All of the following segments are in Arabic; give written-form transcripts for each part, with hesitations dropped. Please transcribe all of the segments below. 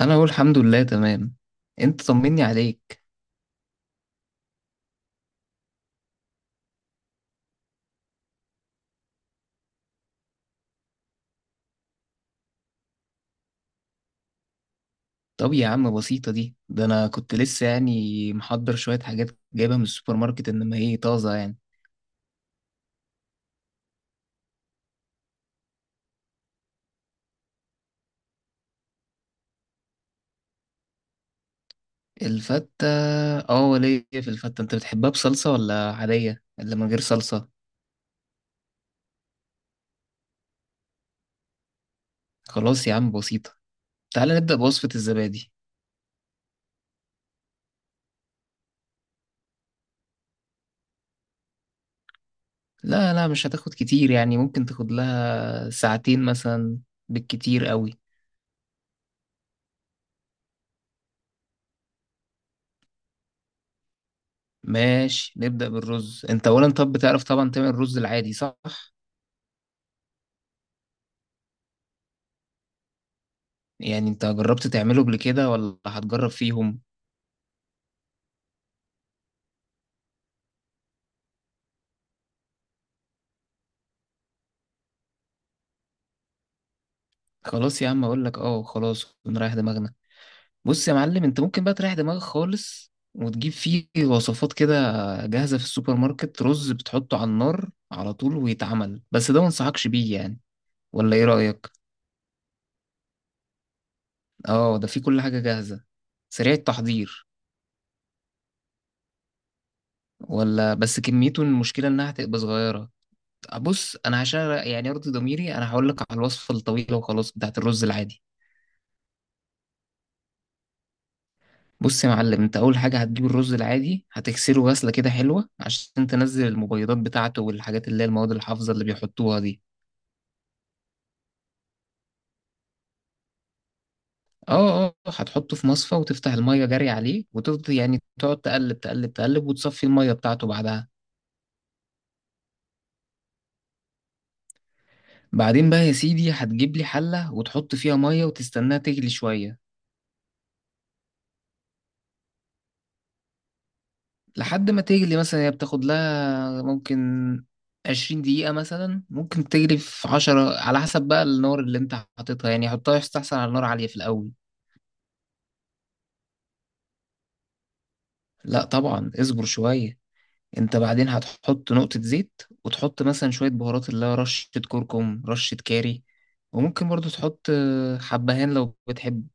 انا اقول الحمد لله تمام. انت طمني عليك. طب يا عم بسيطة دي، ده انا كنت لسه يعني محضر شوية حاجات جايبها من السوبر ماركت، انما هي طازة يعني. الفتة؟ اه وليه، في الفتة انت بتحبها بصلصة ولا عادية اللي من غير صلصة؟ خلاص يا عم بسيطة. تعالى نبدأ بوصفة الزبادي. لا لا مش هتاخد كتير، يعني ممكن تاخد لها ساعتين مثلا بالكتير قوي. ماشي، نبدأ بالرز. انت اولا طب بتعرف طبعا تعمل الرز العادي صح؟ يعني انت جربت تعمله قبل كده ولا هتجرب فيهم؟ خلاص يا عم اقول لك، اه خلاص ونريح دماغنا. بص يا معلم، انت ممكن بقى تريح دماغك خالص وتجيب فيه وصفات كده جاهزة في السوبر ماركت، رز بتحطه على النار على طول ويتعمل، بس ده ما انصحكش بيه يعني. ولا ايه رأيك؟ اه ده فيه كل حاجة جاهزة، سريع التحضير، ولا بس كميته المشكلة انها هتبقى صغيرة. بص انا عشان يعني ارضي ضميري انا هقول لك على الوصفة الطويلة وخلاص بتاعت الرز العادي. بص يا معلم، انت اول حاجه هتجيب الرز العادي، هتغسله غسله كده حلوه عشان تنزل المبيضات بتاعته والحاجات اللي هي المواد الحافظه اللي بيحطوها دي. اه اه، هتحطه في مصفى وتفتح الميه جري عليه وتفضل يعني تقعد تقلب تقلب تقلب وتصفي الميه بتاعته بعدها. بعدين بقى يا سيدي هتجيب لي حله وتحط فيها ميه وتستناها تغلي شويه. لحد ما تغلي، مثلا هي بتاخد لها ممكن 20 دقيقة، مثلا ممكن تجري في 10 على حسب بقى النار اللي انت حاططها، يعني حطها يستحسن على نار عالية في الأول. لا طبعا اصبر شوية. انت بعدين هتحط نقطة زيت وتحط مثلا شوية بهارات اللي هي رشة كركم رشة كاري، وممكن برضو تحط حبهان لو بتحب.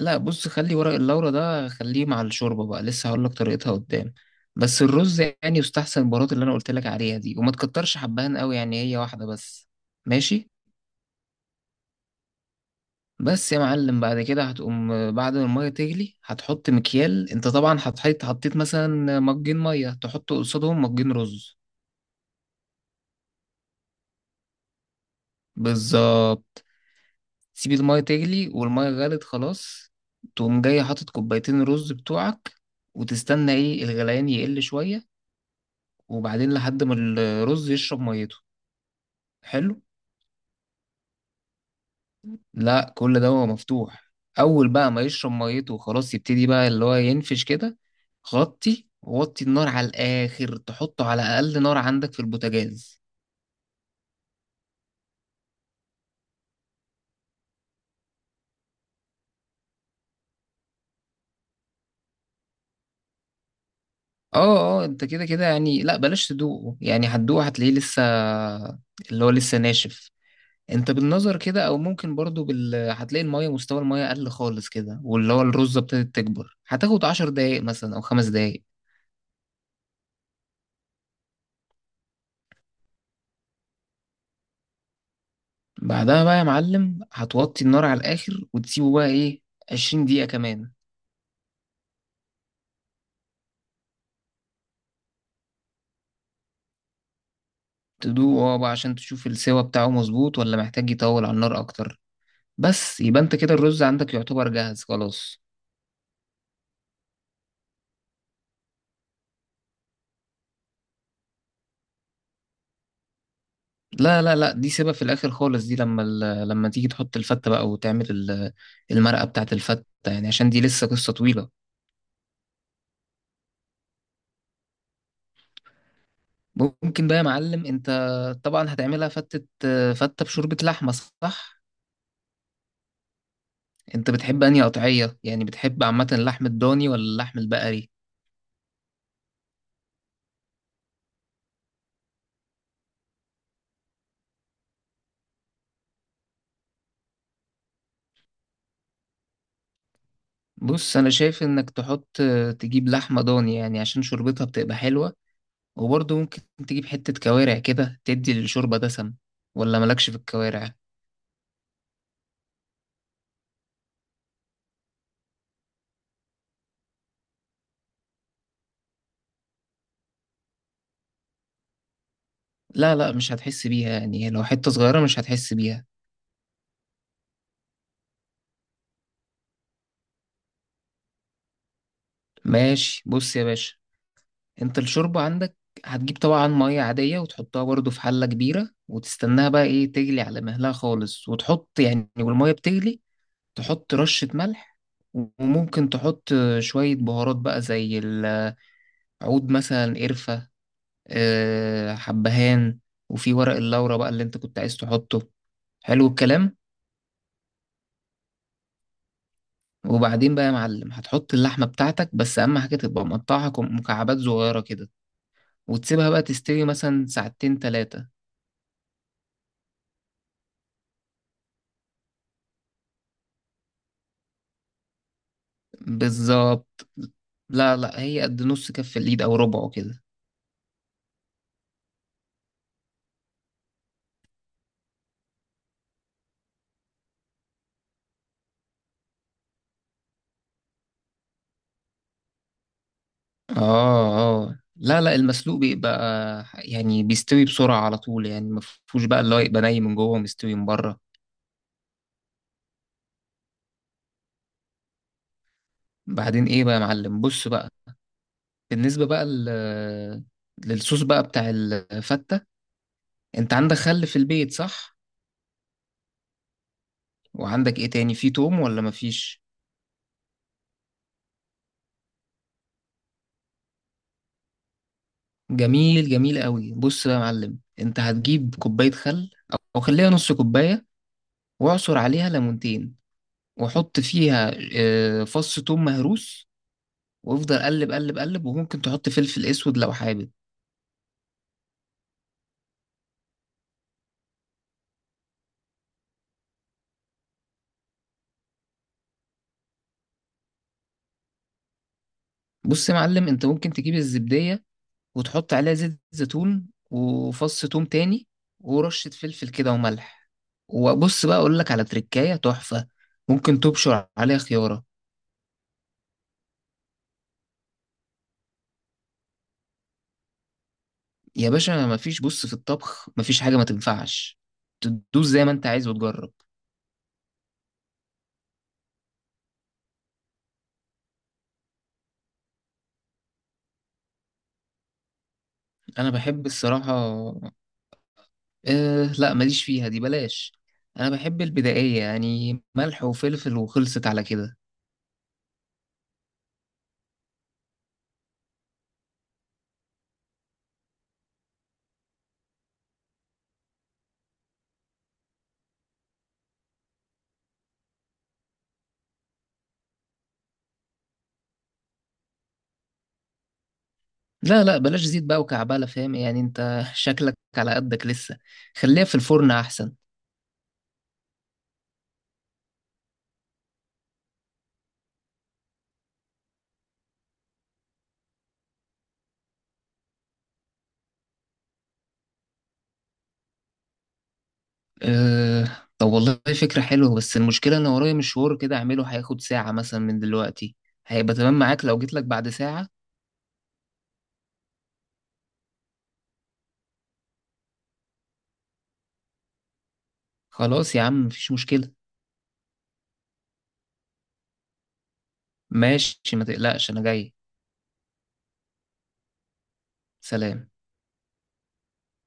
لا بص، خلي ورق اللورا ده خليه مع الشوربة بقى، لسه هقولك طريقتها قدام. بس الرز يعني يستحسن البهارات اللي انا قلتلك عليها دي، وما تكترش حبهان قوي، يعني هي واحدة بس. ماشي. بس يا معلم بعد كده هتقوم، بعد ما المية تغلي هتحط مكيال، انت طبعا هتحط حطيت مثلا مجين مية تحط قصادهم مجين رز. بالظبط. تسيب المية تغلي، والمية غلت خلاص تقوم جاي حاطط كوبايتين رز بتوعك، وتستنى ايه الغليان يقل شوية، وبعدين لحد ما الرز يشرب ميته. حلو. لا كل ده هو مفتوح. اول بقى ما يشرب ميته وخلاص يبتدي بقى اللي هو ينفش كده، غطي ووطي النار على الاخر، تحطه على اقل نار عندك في البوتاجاز. اه اه، انت كده كده يعني، لا بلاش تدوقه يعني، هتدوقه هتلاقيه لسه اللي هو لسه ناشف. انت بالنظر كده، او ممكن برضو هتلاقي المية، مستوى المية قل خالص كده، واللي هو الرزة ابتدت تكبر، هتاخد عشر دقايق مثلا او خمس دقايق. بعدها بقى يا معلم هتوطي النار على الاخر وتسيبه بقى ايه، عشرين دقيقة كمان. تدوقه اه بقى عشان تشوف السوا بتاعه مظبوط ولا محتاج يطول على النار اكتر، بس يبقى انت كده الرز عندك يعتبر جاهز خلاص. لا لا لا، دي سيبها في الاخر خالص، دي لما لما تيجي تحط الفتة بقى وتعمل المرقة بتاعت الفتة يعني، عشان دي لسه قصة طويلة. ممكن بقى يا معلم انت طبعا هتعملها فتة، فتة بشوربة لحمة صح؟ انت بتحب انهي قطعية؟ يعني بتحب عامة اللحم الضاني ولا اللحم البقري؟ بص انا شايف انك تحط، تجيب لحمة ضاني يعني عشان شوربتها بتبقى حلوة، وبرضه ممكن تجيب حتة كوارع كده تدي للشوربة دسم. ولا مالكش في الكوارع؟ لا لا مش هتحس بيها، يعني لو حتة صغيرة مش هتحس بيها. ماشي. بص يا باشا، انت الشوربة عندك هتجيب طبعا مية عادية وتحطها برضو في حلة كبيرة وتستناها بقى ايه تغلي على مهلها خالص، وتحط يعني والمية بتغلي تحط رشة ملح، وممكن تحط شوية بهارات بقى زي العود، مثلا قرفة، حبهان، وفي ورق اللورة بقى اللي انت كنت عايز تحطه. حلو الكلام. وبعدين بقى يا معلم هتحط اللحمة بتاعتك، بس أهم حاجة تبقى مقطعها مكعبات صغيرة كده، وتسيبها بقى تستوي مثلا ساعتين تلاتة. بالظبط. لا لا هي قد نص كف اليد او ربعه كده. اه اه، لا لا المسلوق بيبقى يعني بيستوي بسرعة على طول، يعني مفهوش بقى اللي هو يبقى ني من جوه ومستوي من بره. بعدين ايه بقى يا معلم، بص بقى، بالنسبة بقى للصوص بقى بتاع الفتة، انت عندك خل في البيت صح؟ وعندك ايه تاني، في توم ولا مفيش؟ جميل جميل قوي. بص بقى يا معلم، انت هتجيب كوباية خل، او خليها نص كوباية، واعصر عليها ليمونتين، واحط فيها فص توم مهروس، وافضل قلب قلب قلب، وممكن تحط فلفل اسود لو حابب. بص يا معلم انت ممكن تجيب الزبدية وتحط عليها زيت زيتون وفص توم تاني ورشة فلفل كده وملح، وبص بقى اقول لك على تركاية تحفة، ممكن تبشر عليها خيارة. يا باشا مفيش، بص في الطبخ مفيش حاجة ما تنفعش، تدوس زي ما انت عايز وتجرب. انا بحب الصراحة، أه لا ماليش فيها دي بلاش. انا بحب البدائيه، يعني ملح وفلفل وخلصت على كده. لا لا بلاش زيت بقى وكعبله، فاهم يعني انت شكلك على قدك لسه. خليها في الفرن احسن. أه طب والله فكره حلوه، بس المشكله ان ورايا مشوار كده اعمله هياخد ساعه مثلا من دلوقتي، هيبقى تمام معاك لو جيت لك بعد ساعه؟ خلاص يا عم مفيش مشكله. ماشي ما تقلقش انا جاي. سلام.